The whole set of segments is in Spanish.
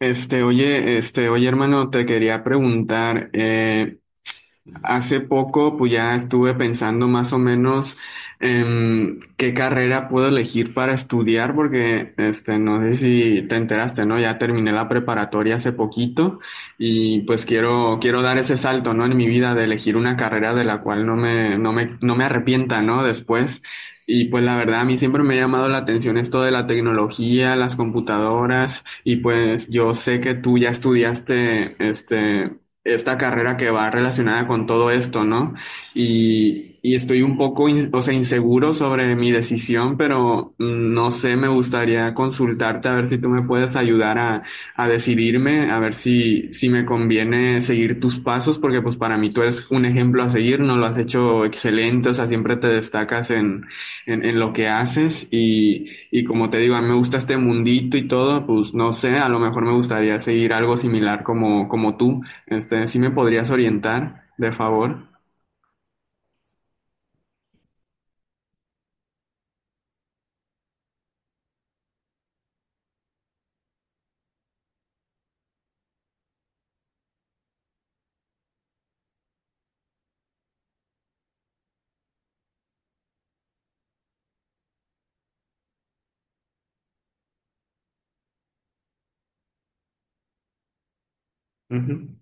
Oye, oye, hermano, te quería preguntar. Hace poco, pues ya estuve pensando más o menos qué carrera puedo elegir para estudiar, porque no sé si te enteraste, ¿no? Ya terminé la preparatoria hace poquito y pues quiero dar ese salto, ¿no? En mi vida de elegir una carrera de la cual no me arrepienta, ¿no? Después. Y pues la verdad, a mí siempre me ha llamado la atención esto de la tecnología, las computadoras, y pues yo sé que tú ya estudiaste, esta carrera que va relacionada con todo esto, ¿no? Y estoy un poco, o sea, inseguro sobre mi decisión, pero no sé, me gustaría consultarte a ver si tú me puedes ayudar a decidirme, a ver si me conviene seguir tus pasos, porque pues para mí tú eres un ejemplo a seguir, ¿no? Lo has hecho excelente, o sea, siempre te destacas en lo que haces y como te digo, a mí me gusta este mundito y todo, pues no sé, a lo mejor me gustaría seguir algo similar como tú. ¿Sí me podrías orientar, de favor? Ujú.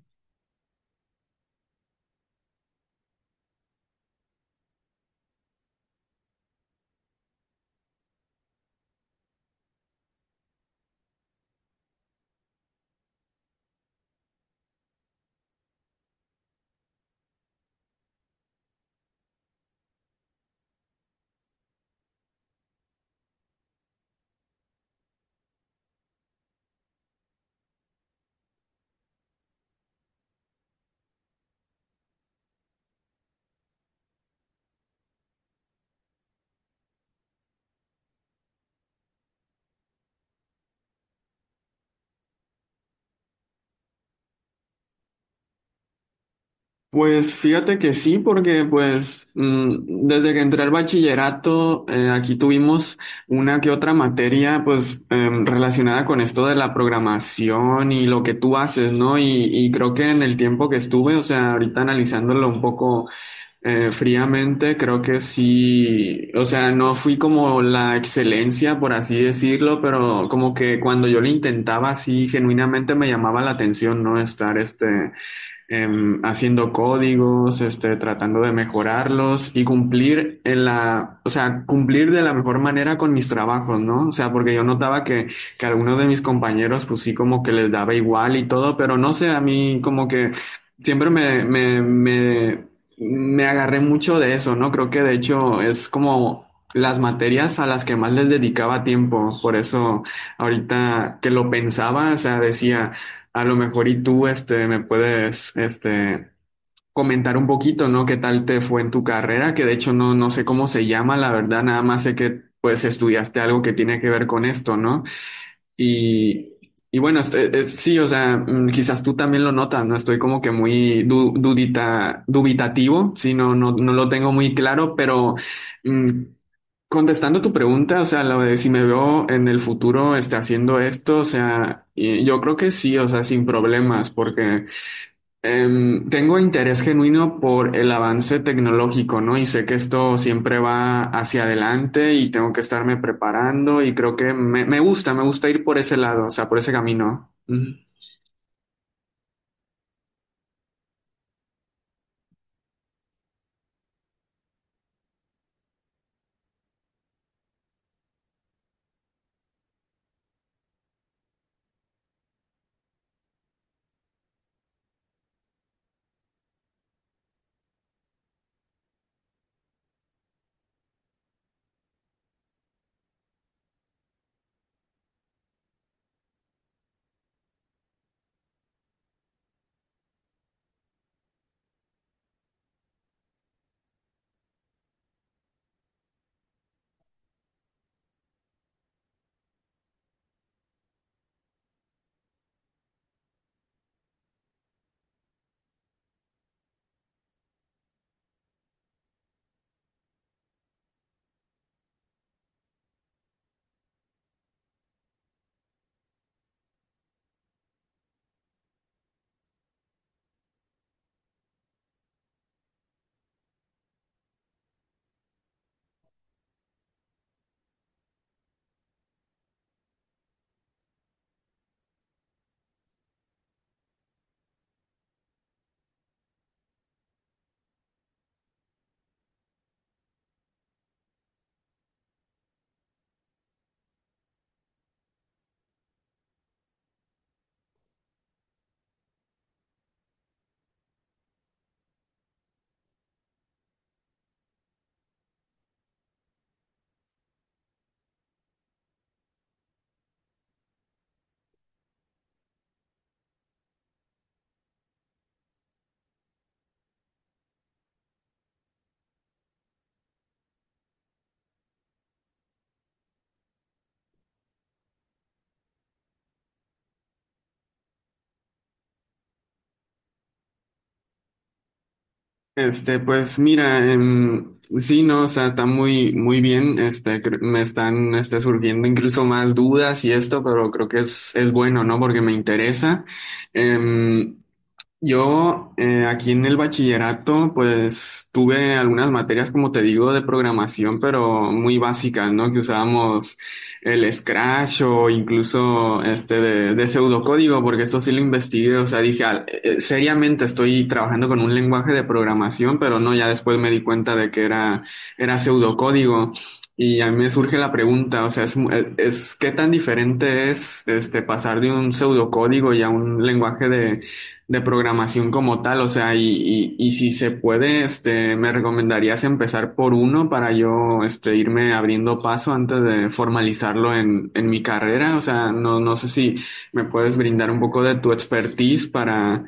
Pues fíjate que sí, porque pues desde que entré al bachillerato, aquí tuvimos una que otra materia pues relacionada con esto de la programación y lo que tú haces, ¿no? Y creo que en el tiempo que estuve, o sea, ahorita analizándolo un poco, fríamente, creo que sí. O sea, no fui como la excelencia, por así decirlo, pero como que cuando yo lo intentaba así, genuinamente me llamaba la atención, no estar haciendo códigos, tratando de mejorarlos y cumplir en la, o sea, cumplir de la mejor manera con mis trabajos, ¿no? O sea, porque yo notaba que algunos de mis compañeros, pues sí, como que les daba igual y todo, pero no sé, a mí como que siempre me agarré mucho de eso, ¿no? Creo que de hecho es como las materias a las que más les dedicaba tiempo, por eso ahorita que lo pensaba, o sea, decía, a lo mejor y tú, me puedes, comentar un poquito, ¿no? ¿Qué tal te fue en tu carrera? Que de hecho no sé cómo se llama, la verdad, nada más sé que, pues, estudiaste algo que tiene que ver con esto, ¿no? Y, y bueno, sí, o sea, quizás tú también lo notas, ¿no? Estoy como que muy dudita, dubitativo, sí, no, no, no lo tengo muy claro, pero mm, contestando tu pregunta, o sea, lo de si me veo en el futuro haciendo esto, o sea, yo creo que sí, o sea, sin problemas, porque tengo interés genuino por el avance tecnológico, ¿no? Y sé que esto siempre va hacia adelante y tengo que estarme preparando y creo que me gusta ir por ese lado, o sea, por ese camino. Pues mira, sí, no, o sea, está muy, muy bien. Me están, surgiendo incluso más dudas y esto, pero creo que es bueno, ¿no? Porque me interesa. Em, yo, aquí en el bachillerato, pues tuve algunas materias, como te digo, de programación, pero muy básicas, ¿no? Que usábamos el Scratch o incluso de pseudocódigo, porque esto sí lo investigué. O sea, dije: "Ah, seriamente estoy trabajando con un lenguaje de programación", pero no, ya después me di cuenta de que era pseudocódigo. Y a mí me surge la pregunta, o sea, es, mu- es- ¿qué tan diferente es este pasar de un pseudocódigo y a un lenguaje de programación como tal? O sea, y si se puede, me recomendarías empezar por uno para yo, irme abriendo paso antes de formalizarlo en mi carrera. O sea, no sé si me puedes brindar un poco de tu expertise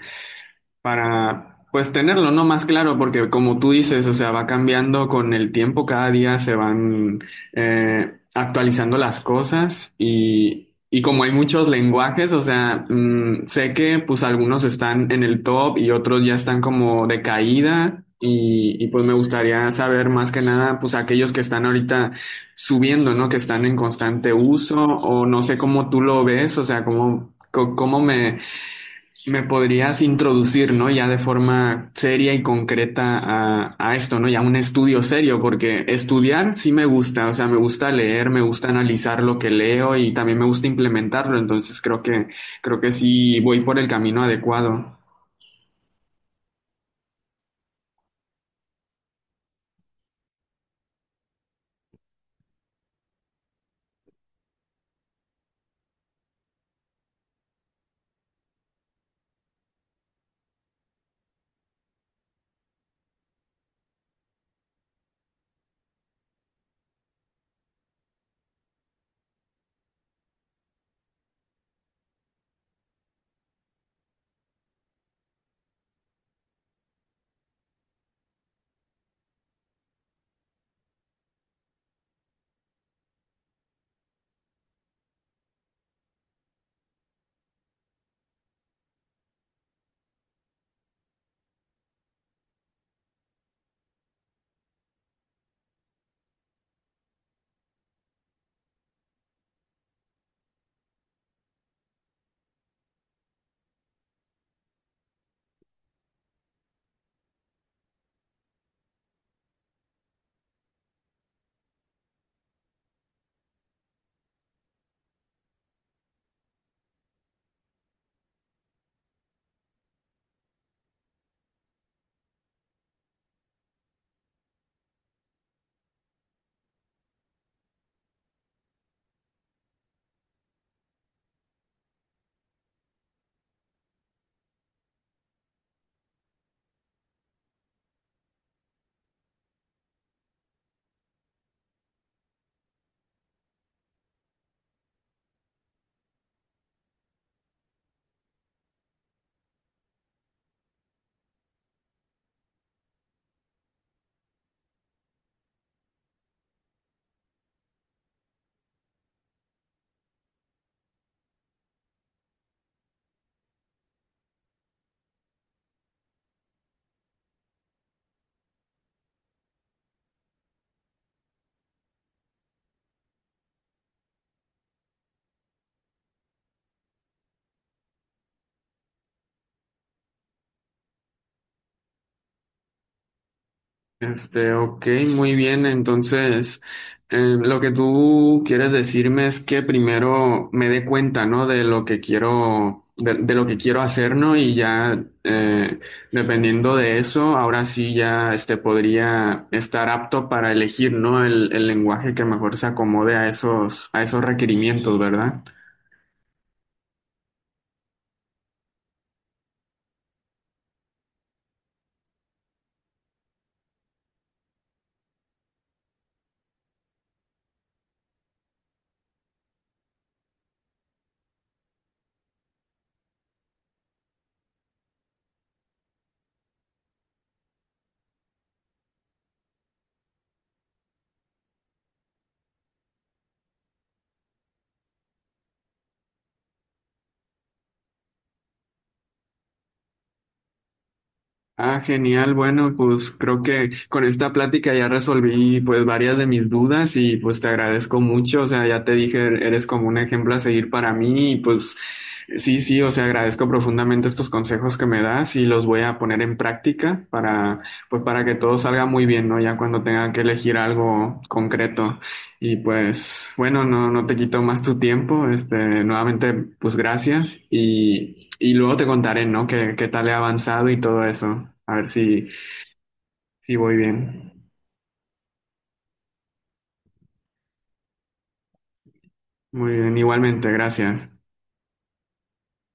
para pues tenerlo, ¿no? Más claro, porque como tú dices, o sea, va cambiando con el tiempo, cada día se van actualizando las cosas y como hay muchos lenguajes. O sea, sé que pues algunos están en el top y otros ya están como de caída. Y pues me gustaría saber, más que nada, pues aquellos que están ahorita subiendo, ¿no? Que están en constante uso, o no sé cómo tú lo ves, o sea, cómo me podrías introducir, ¿no? Ya de forma seria y concreta a esto, ¿no? Ya un estudio serio, porque estudiar sí me gusta, o sea, me gusta leer, me gusta analizar lo que leo y también me gusta implementarlo, entonces creo que sí voy por el camino adecuado. Ok, muy bien. Entonces, lo que tú quieres decirme es que primero me dé cuenta, ¿no? De lo que quiero, de lo que quiero hacer, ¿no? Y ya, dependiendo de eso, ahora sí ya, podría estar apto para elegir, ¿no?, el lenguaje que mejor se acomode a a esos requerimientos, ¿verdad? Ah, genial. Bueno, pues creo que con esta plática ya resolví pues varias de mis dudas y pues te agradezco mucho. O sea, ya te dije, eres como un ejemplo a seguir para mí y pues sí, sí, o sea, agradezco profundamente estos consejos que me das y los voy a poner en práctica para, pues para que todo salga muy bien, ¿no? Ya cuando tenga que elegir algo concreto. Y pues bueno, no, no te quito más tu tiempo. Nuevamente, pues gracias. Y luego te contaré, ¿no? Qué tal he avanzado y todo eso. A ver si voy bien. Muy bien, igualmente, gracias.